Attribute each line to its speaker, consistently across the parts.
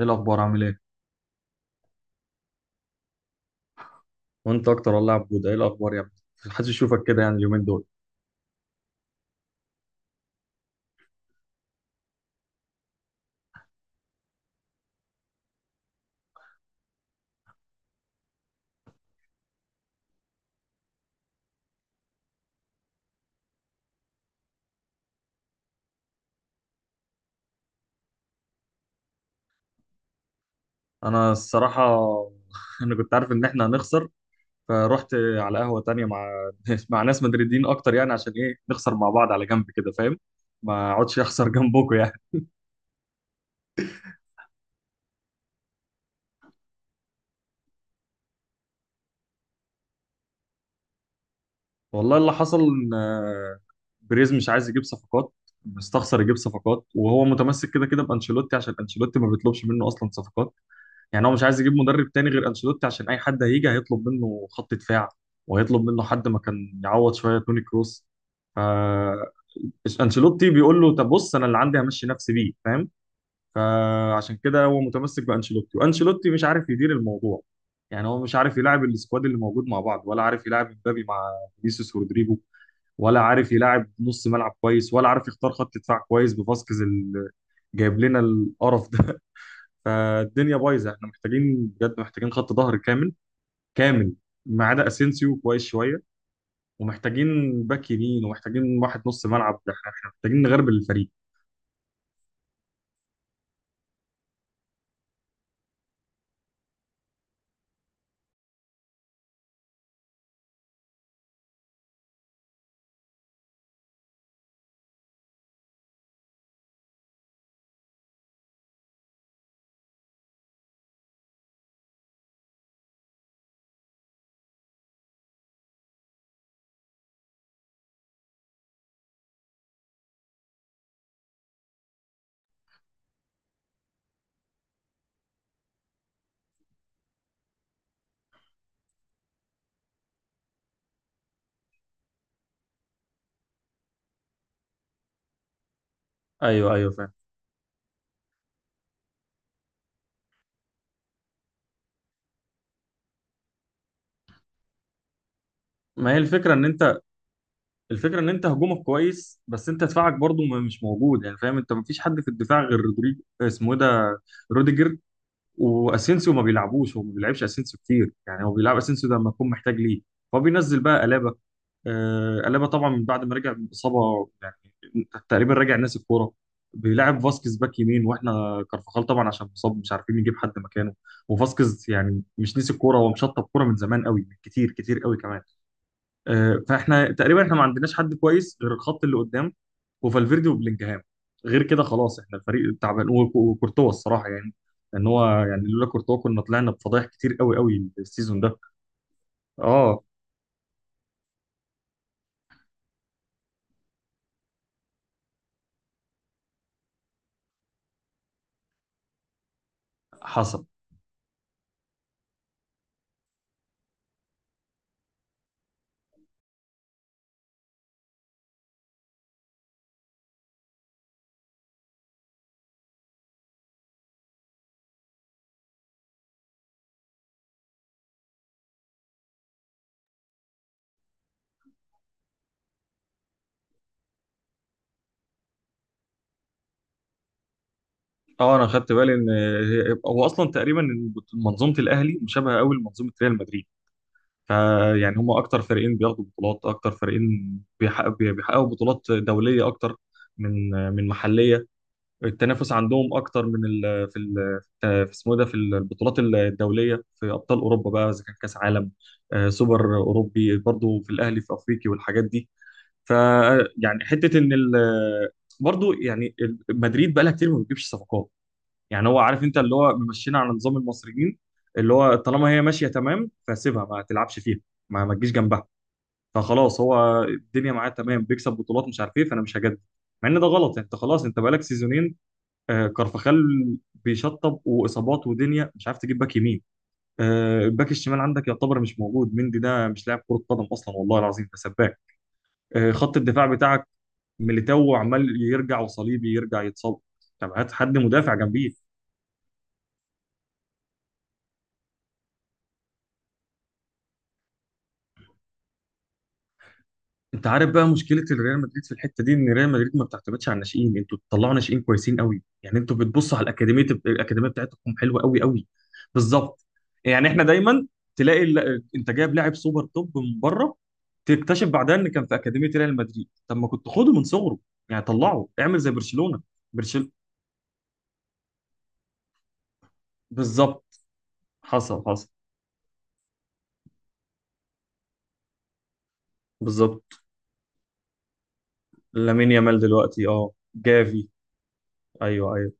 Speaker 1: ايه الاخبار عامل ايه؟ وانت اكتر والله يا عبود، ايه الاخبار يا ابني؟ محدش يشوفك كده يعني اليومين دول. انا الصراحه انا كنت عارف ان احنا هنخسر. فرحت على قهوه تانية مع مع ناس مدريدين اكتر، يعني عشان ايه نخسر مع بعض؟ على جنب كده، فاهم؟ ما اقعدش اخسر جنبكم يعني. والله اللي حصل ان بريز مش عايز يجيب صفقات. مستخسر يجيب صفقات، وهو متمسك كده كده بانشيلوتي عشان انشيلوتي ما بيطلبش منه اصلا صفقات. يعني هو مش عايز يجيب مدرب تاني غير انشيلوتي، عشان اي حد هيجي هيطلب منه خط دفاع، وهيطلب منه حد ما كان يعوض شويه توني كروس. ف انشيلوتي بيقول له طب بص انا اللي عندي همشي نفسي بيه، فاهم؟ فعشان كده هو متمسك بانشيلوتي، وانشيلوتي مش عارف يدير الموضوع. يعني هو مش عارف يلاعب السكواد اللي موجود مع بعض، ولا عارف يلاعب مبابي مع فينيسيوس رودريجو، ولا عارف يلاعب نص ملعب كويس، ولا عارف يختار خط دفاع كويس بفاسكيز اللي جايب لنا القرف ده. فالدنيا بايظه، احنا محتاجين بجد، محتاجين خط ظهر كامل كامل، ما عدا اسينسيو كويس شويه، ومحتاجين باك يمين، ومحتاجين واحد نص ملعب. ده احنا محتاجين نغربل الفريق. ايوه ايوه فاهم. ما هي الفكره ان انت، الفكره ان انت هجومك كويس، بس انت دفاعك برضو مش موجود يعني، فاهم؟ انت ما فيش حد في الدفاع غير رودريجو اسمه ايه ده، روديجر. واسينسيو ما بيلعبوش، هو ما بيلعبش اسينسيو كتير، يعني هو بيلعب اسينسيو ده لما يكون محتاج ليه. هو بينزل بقى قلابه، قلبها طبعا من بعد ما رجع من اصابه يعني، تقريبا راجع ناسي الكوره. بيلعب فاسكيز باك يمين، واحنا كارفاخال طبعا عشان مصاب مش عارفين نجيب حد مكانه. وفاسكيز يعني مش نسي الكوره، هو مشطب كوره من زمان قوي، من كتير كتير قوي كمان. فاحنا تقريبا ما عندناش حد كويس غير الخط اللي قدام، وفالفيردي وبلينجهام. غير كده خلاص احنا الفريق تعبان، وكورتوا الصراحه يعني، ان هو يعني لولا كورتوا كنا طلعنا بفضايح كتير قوي قوي السيزون ده. اه حصل. اه انا خدت بالي ان هو اصلا تقريبا إن منظومه الاهلي مشابهه قوي لمنظومه ريال مدريد. فيعني هم اكتر فريقين بياخدوا بطولات، اكتر فريقين بيحققوا بطولات دوليه اكتر من محليه. التنافس عندهم اكتر من ال في ال في اسمه إيه ده، في البطولات الدوليه، في ابطال اوروبا بقى، اذا كان كاس عالم، سوبر اوروبي، برضو في الاهلي في افريقي والحاجات دي. ف يعني حته ان برضو يعني مدريد بقى لها كتير ما بتجيبش صفقات. يعني هو عارف انت اللي هو ممشينا على نظام المصريين، اللي هو طالما هي ماشيه تمام فسيبها ما تلعبش فيها، ما تجيش جنبها. فخلاص هو الدنيا معاه تمام، بيكسب بطولات مش عارف ايه، فانا مش هجدد، مع ان ده غلط يعني. انت خلاص انت بقالك سيزونين، آه كارفخال بيشطب واصابات، ودنيا مش عارف تجيب باك يمين، آه الباك الشمال عندك يعتبر مش موجود، مندي ده مش لاعب كره قدم اصلا والله العظيم، ده سباك. آه خط الدفاع بتاعك ميليتاو عمال يرجع، وصليبي يرجع يتصاب. طب هات حد مدافع جنبيه. انت عارف بقى مشكله الريال مدريد في الحته دي، ان ريال مدريد ما بتعتمدش على الناشئين. انتوا بتطلعوا ناشئين كويسين قوي، يعني انتوا بتبصوا على الاكاديميه، الاكاديميه بتاعتكم حلوه قوي قوي. بالظبط. يعني احنا دايما تلاقي انت جايب لاعب سوبر توب من بره، تكتشف بعدها ان كان في اكاديميه ريال مدريد، طب ما كنت خده من صغره، يعني طلعه اعمل زي برشلونه. برشل بالظبط. حصل حصل. بالظبط. لامين يامال دلوقتي، اه جافي. ايوه ايوه.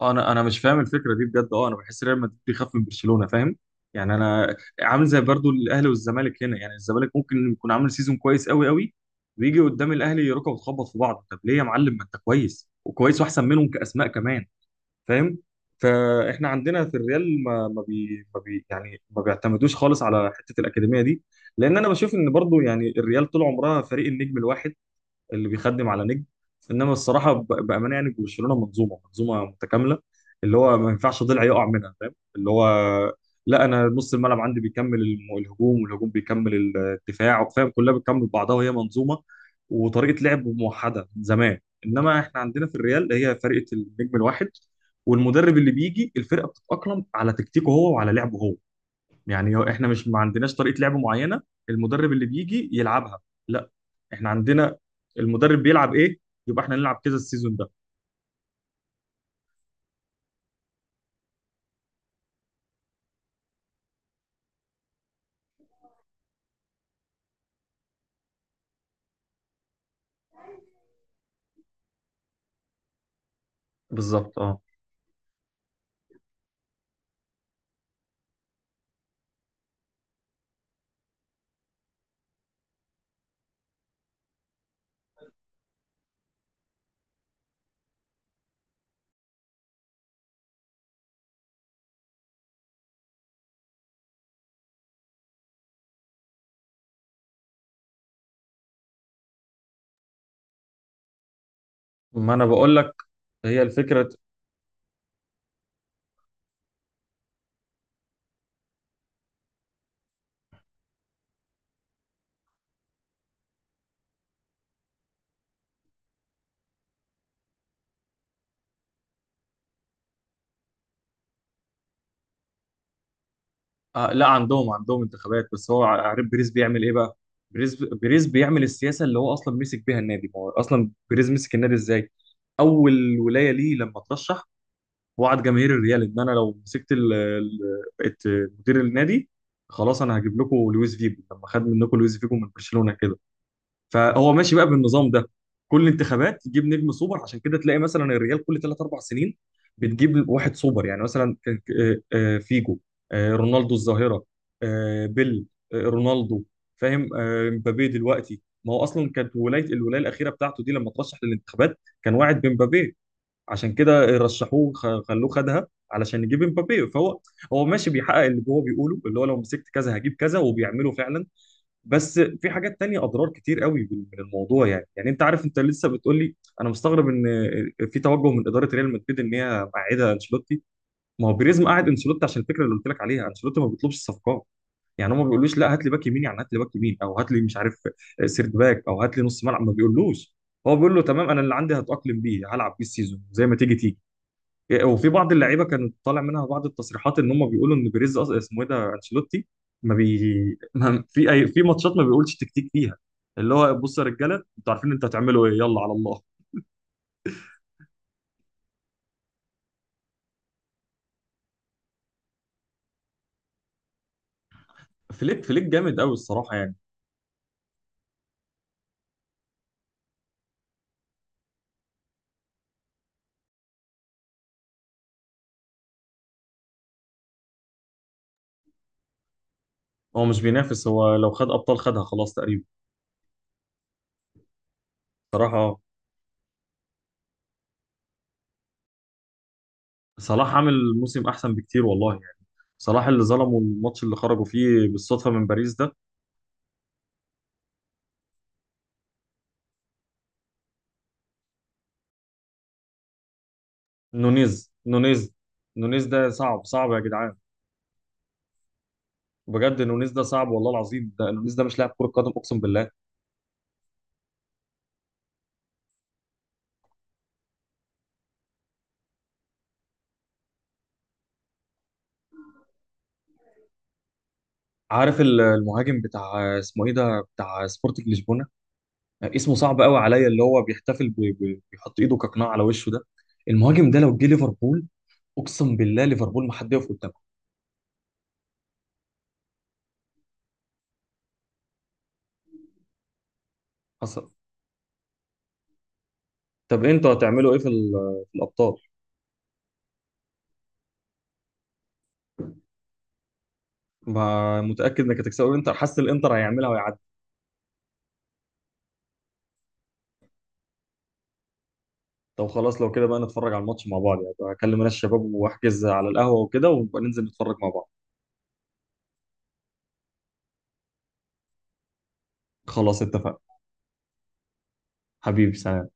Speaker 1: انا مش فاهم الفكره دي بجد، اه انا بحس ريال مدريد بيخاف من برشلونه، فاهم؟ يعني انا عامل زي برضو الاهلي والزمالك هنا، يعني الزمالك ممكن يكون عامل سيزون كويس قوي قوي، ويجي قدام الاهلي يركب وتخبط في بعض. طب ليه يا معلم؟ ما انت كويس وكويس واحسن منهم كاسماء كمان، فاهم؟ فاحنا عندنا في الريال ما ما بي ما بي يعني ما بيعتمدوش خالص على حته الاكاديميه دي، لان انا بشوف ان برضو يعني الريال طول عمرها فريق النجم الواحد اللي بيخدم على نجم. انما الصراحه بامانه يعني برشلونه منظومه متكامله، اللي هو ما ينفعش ضلع يقع منها، فاهم؟ اللي هو لا، انا نص الملعب عندي بيكمل الهجوم، والهجوم بيكمل الدفاع، فاهم؟ كلها بتكمل بعضها وهي منظومه وطريقه لعب موحده من زمان. انما احنا عندنا في الريال هي فرقه النجم الواحد، والمدرب اللي بيجي الفرقه بتتاقلم على تكتيكه هو وعلى لعبه هو. يعني هو احنا مش ما عندناش طريقه لعب معينه، المدرب اللي بيجي يلعبها. لا احنا عندنا المدرب بيلعب ايه، يبقى احنا نلعب كذا السيزون ده. بالظبط اه. ما انا بقول لك، هي الفكره. آه لا، عندهم عندهم انتخابات، بس هو عارف بيريز بيعمل ايه بقى. بيريز بيعمل السياسه اللي هو اصلا مسك بيها النادي. ما هو اصلا بيريز مسك النادي ازاي؟ اول ولايه ليه لما ترشح وعد جماهير الريال ان انا لو مسكت بقيت مدير النادي، خلاص انا هجيب لكم لويس فيجو، لما خد منكم لويس فيجو من برشلونه كده. فهو ماشي بقى بالنظام ده، كل انتخابات يجيب نجم سوبر، عشان كده تلاقي مثلا الريال كل ثلاث اربع سنين بتجيب واحد سوبر. يعني مثلا كان فيجو، رونالدو الظاهره، بيل، رونالدو، فاهم؟ مبابي دلوقتي، ما هو اصلا كانت ولايه، الولايه الاخيره بتاعته دي لما ترشح للانتخابات كان واعد بمبابي، عشان كده خلوه خدها علشان يجيب امبابي. هو ماشي بيحقق اللي هو بيقوله، اللي هو لو مسكت كذا هجيب كذا، وبيعمله فعلا. بس في حاجات تانية اضرار كتير قوي من الموضوع يعني. يعني انت عارف انت لسه بتقول لي انا مستغرب ان في توجه من اداره ريال مدريد ان هي معيده انشيلوتي. ما هو بيريز قاعد انشيلوتي عشان الفكره اللي قلت لك عليها، انشيلوتي ما بيطلبش الصفقات. يعني هم ما بيقولوش لا هات لي باك يمين، يعني هات لي باك يمين او هات لي مش عارف سيرد باك او هات لي نص ملعب، ما بيقولوش. هو بيقول له تمام، انا اللي عندي هتاقلم بيه هلعب بيه السيزون زي ما تيجي تيجي. وفي بعض اللعيبه كانت طالع منها بعض التصريحات ان هم بيقولوا ان بيريز اسمه ايه ده انشيلوتي، ما بي ما في اي في ماتشات ما بيقولش تكتيك فيها، اللي هو بصوا يا رجاله انتوا عارفين انتوا هتعملوا ايه، يلا على الله. فليك جامد قوي الصراحه يعني. هو مش بينافس، هو لو خد ابطال خدها خلاص تقريبا. صراحه صلاح عامل موسم احسن بكتير والله يعني. صلاح اللي ظلمه الماتش اللي خرجوا فيه بالصدفه من باريس ده. نونيز، نونيز ده صعب صعب يا جدعان، بجد نونيز ده صعب والله العظيم، ده نونيز ده مش لاعب كره قدم اقسم بالله. عارف المهاجم بتاع اسمه ايه ده بتاع سبورتنج لشبونه، اسمه صعب قوي عليا، اللي هو بيحتفل بيحط ايده كقناع على وشه ده، المهاجم ده لو جه ليفربول اقسم بالله ليفربول ما حد يقف قدامه. حصل. طب انتوا هتعملوا ايه في في الابطال؟ ما متاكد انك هتكسبوا الانتر، حاسس الانتر هيعملها ويعدي. طب خلاص لو كده بقى نتفرج على الماتش مع بعض يعني، هكلم انا الشباب واحجز على القهوه وكده، ونبقى ننزل نتفرج مع بعض. خلاص اتفقنا. حبيبي سلام.